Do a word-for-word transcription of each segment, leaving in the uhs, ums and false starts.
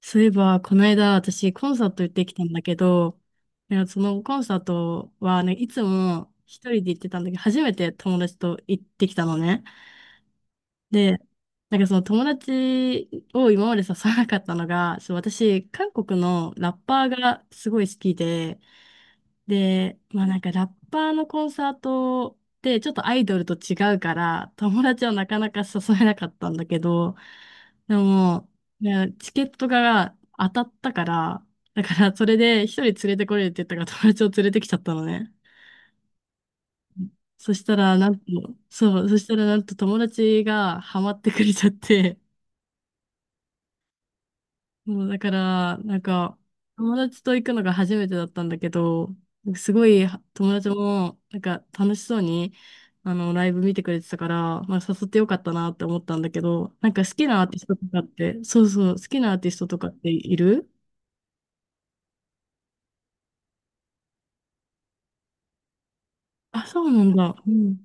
そういえば、この間、私、コンサート行ってきたんだけど、いやそのコンサートは、ね、いつも一人で行ってたんだけど、初めて友達と行ってきたのね。で、なんかその友達を今まで誘わなかったのが、そう私、韓国のラッパーがすごい好きで、で、まあなんかラッパーのコンサートってちょっとアイドルと違うから友達はなかなか誘えなかったんだけど、でも、いやチケットが当たったから、だからそれで一人連れてこれるって言ったから友達を連れてきちゃったのね。そしたらなんと、そう、そしたらなんと友達がハマってくれちゃって、そう、だから、なんか、友達と行くのが初めてだったんだけど、すごい友達も、なんか楽しそうに、あの、ライブ見てくれてたから、まあ、誘ってよかったなって思ったんだけど、なんか好きなアーティストとかって、そうそう、好きなアーティストとかっている？あ、そうなんだ。うん。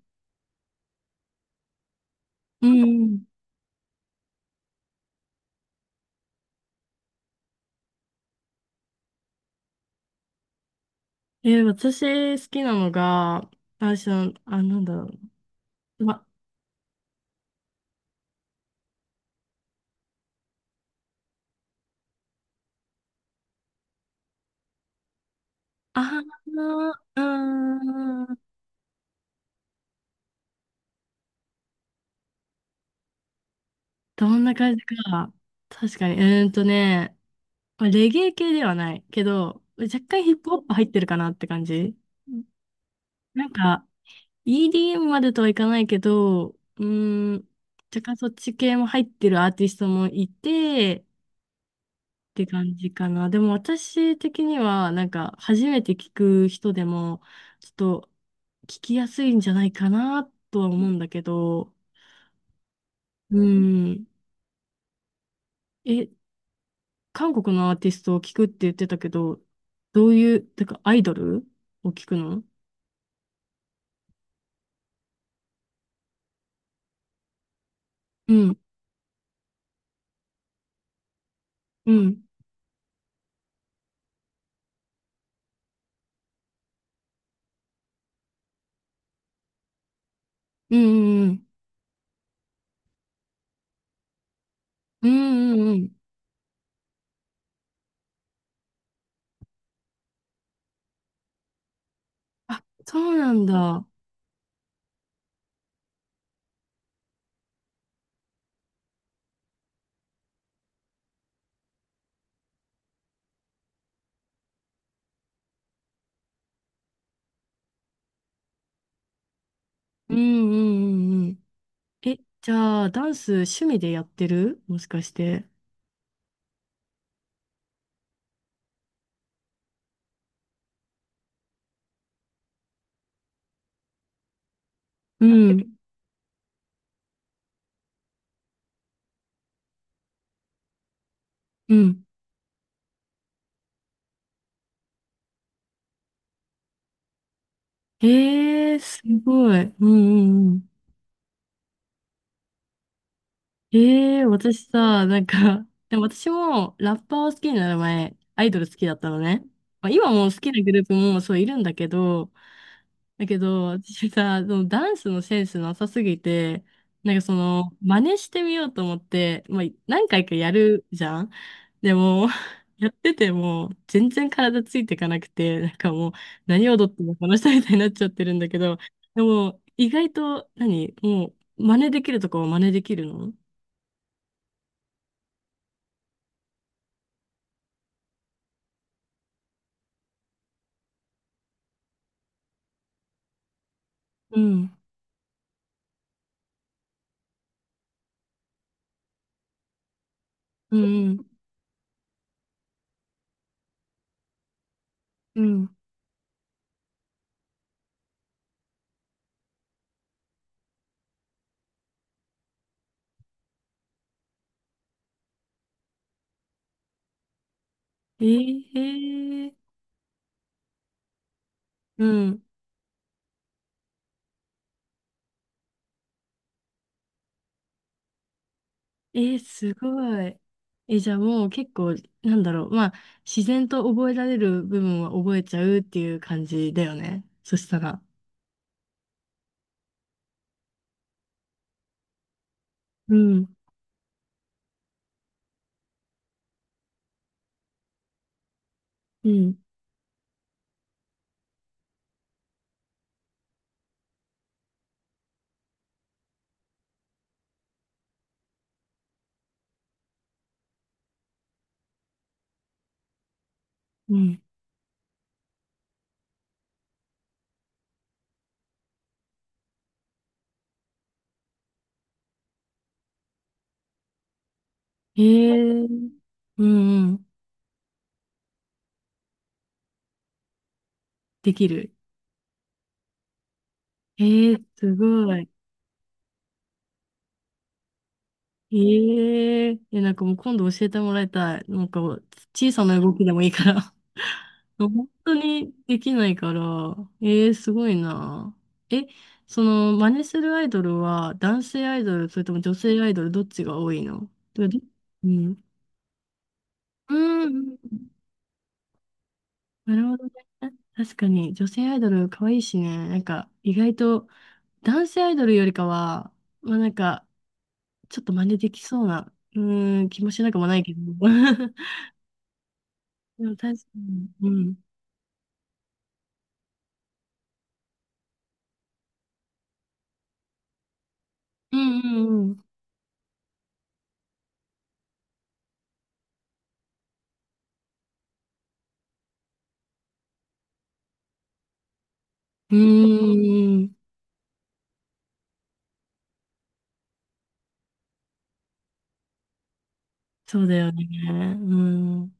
うん。えー私好きなのが、あ、しあ、なんだろう。ま、あー、うーん。どんな感じか。確かに。うーんとね、まあレゲエ系ではないけど、若干ヒップホップ入ってるかなって感じ。うん。なんか、イーディーエム までとはいかないけど、うーん、若干そっち系も入ってるアーティストもいて、って感じかな。でも私的には、なんか、初めて聞く人でも、ちょっと、聞きやすいんじゃないかな、とは思うんだけど、うん、え、韓国のアーティストを聞くって言ってたけど、どういう、てか、アイドルを聞くの？うん。うん。うんうんうん。うんうんうん。あ、そうなんだ。うんうんうんうん。え、じゃあ、ダンス趣味でやってるもしかして？うん。うん。えー、すごい。うんうんうん。えー、私さ、なんか、でも私もラッパーを好きになる前、アイドル好きだったのね。まあ、今も好きなグループもそういるんだけど、だけど、私さ、そのダンスのセンスなさすぎて、なんかその、真似してみようと思って、まあ、何回かやるじゃん。でも、やってても、全然体ついていかなくて、なんかもう、何踊ってもこの人みたいになっちゃってるんだけど、でも、意外と何、もう、真似できるとこは真似できるの？うん、うん、うん、うん、ええー、うん。えー、すごい。え、じゃあもう結構、なんだろう、まあ、自然と覚えられる部分は覚えちゃうっていう感じだよね。そしたら。うん、うん、うん。へえ、うん、うん。できる。へえ、すごい。えええ、なんかもう今度教えてもらいたい。なんか小さな動きでもいいから。本当にできないから、ええすごいな。え、その、真似するアイドルは男性アイドル、それとも女性アイドル、どっちが多いのどどうん。うんうんなるほどね。確かに、女性アイドル可愛いしね。なんか、意外と、男性アイドルよりかは、まあなんか、ちょっと真似できそうな、うーん、気もしなくもないけど。でも確かに。うん。うんうんうん。うーん。そうだよね。うん。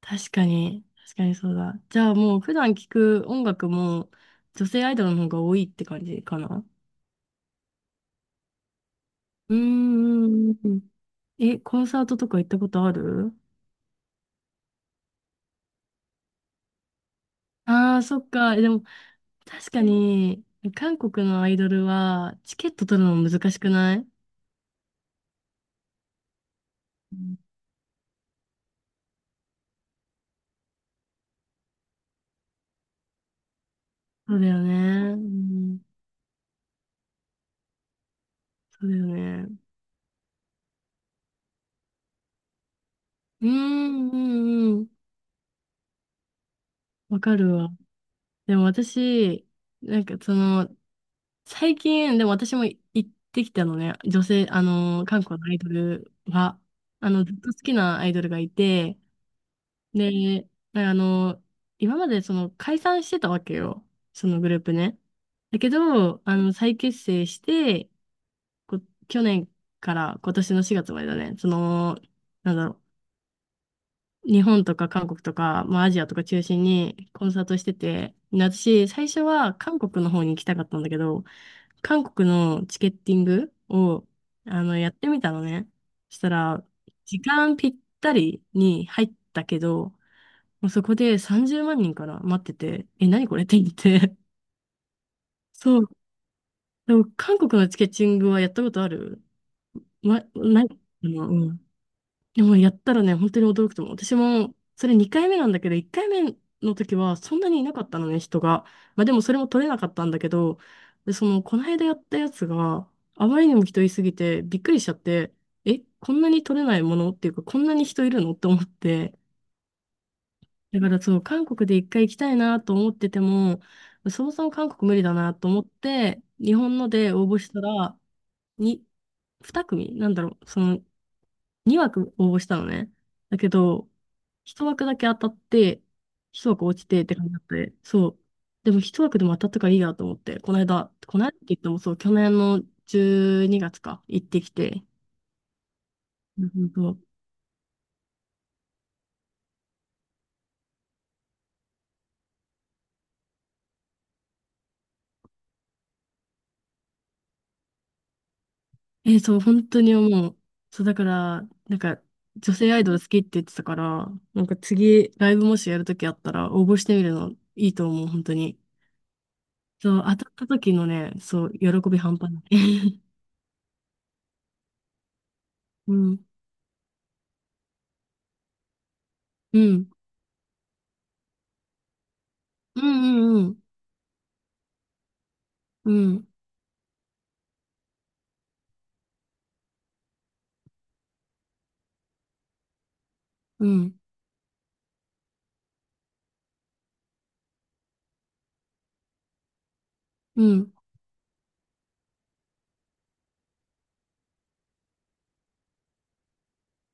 確かに。確かにそうだ。じゃあもう普段聞く音楽も女性アイドルの方が多いって感じかな。うんうんうん。え、コンサートとか行ったことある？ああー、そっか。えでも確かに韓国のアイドルはチケット取るの難しくない？うん。そうだよね。うん。そうだよね。うんうんうん。わかるわ。でも私、なんかその、最近、でも私も行ってきたのね、女性、あの、韓国のアイドルは、あの、ずっと好きなアイドルがいて、で、あの、今までその解散してたわけよ、そのグループね。だけど、あの、再結成して、こ、去年から今年のしがつまでだね、その、なんだろう、日本とか韓国とか、まあ、アジアとか中心にコンサートしてて、私、最初は韓国の方に行きたかったんだけど、韓国のチケッティングを、あの、やってみたのね。そしたら、時間ぴったりに入ったけど、もうそこでさんじゅうまん人から待ってて、え、何これって言って。そう。でも、韓国のチケッティングはやったことある？ま、ない。うん、でもやったらね、本当に驚くと思う。私も、それにかいめなんだけど、いっかいめの時はそんなにいなかったのね、人が。まあでもそれも取れなかったんだけど、で、その、この間やったやつがあまりにも人いすぎてびっくりしちゃって、え、こんなに取れないものっていうか、こんなに人いるのって思って。だからそう、韓国で一回行きたいなと思ってても、そもそも韓国無理だなと思って、日本ので応募したら、に、ふたくみなんだろう、その、に枠応募したのね。だけど、いち枠だけ当たって、いち枠落ちてって感じだって、そう。でもいち枠でも当たったからいいやと思って、この間、この間って言ってもそう、去年のじゅうにがつか、行ってきて。うそそう。え、そう、本当に思う。そう、だから、なんか、女性アイドル好きって言ってたから、なんか次、ライブもしやるときあったら、応募してみるのいいと思う、本当に。そう、当たった時のね、そう、喜び半端ない。うん。うん。うんうんうん。うん、うん、うん、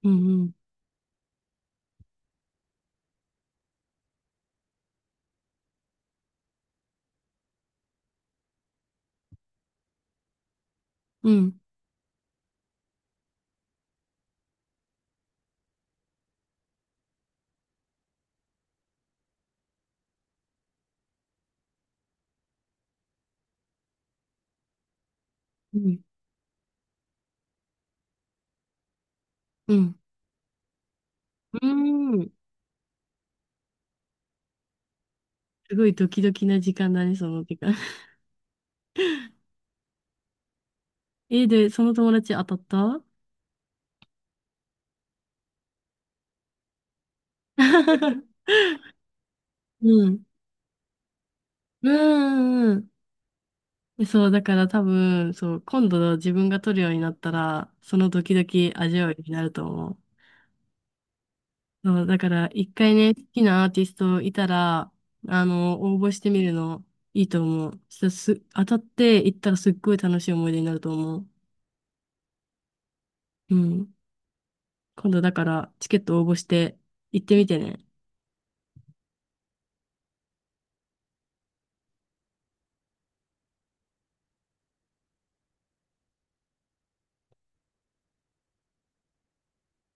うん、うん、うん、うん、うん、うん。すごいドキドキな時間だね、その時間。え、で、その友達当たった？ うん。うん、うん、うん。そう、だから多分、そう、今度自分が取るようになったら、そのドキドキ味わいになると思う。そう、だから一回ね、好きなアーティストいたら、あの、応募してみるのいいと思う。そしたらす、当たって行ったらすっごい楽しい思い出になると思う。うん。今度だからチケット応募して行ってみてね。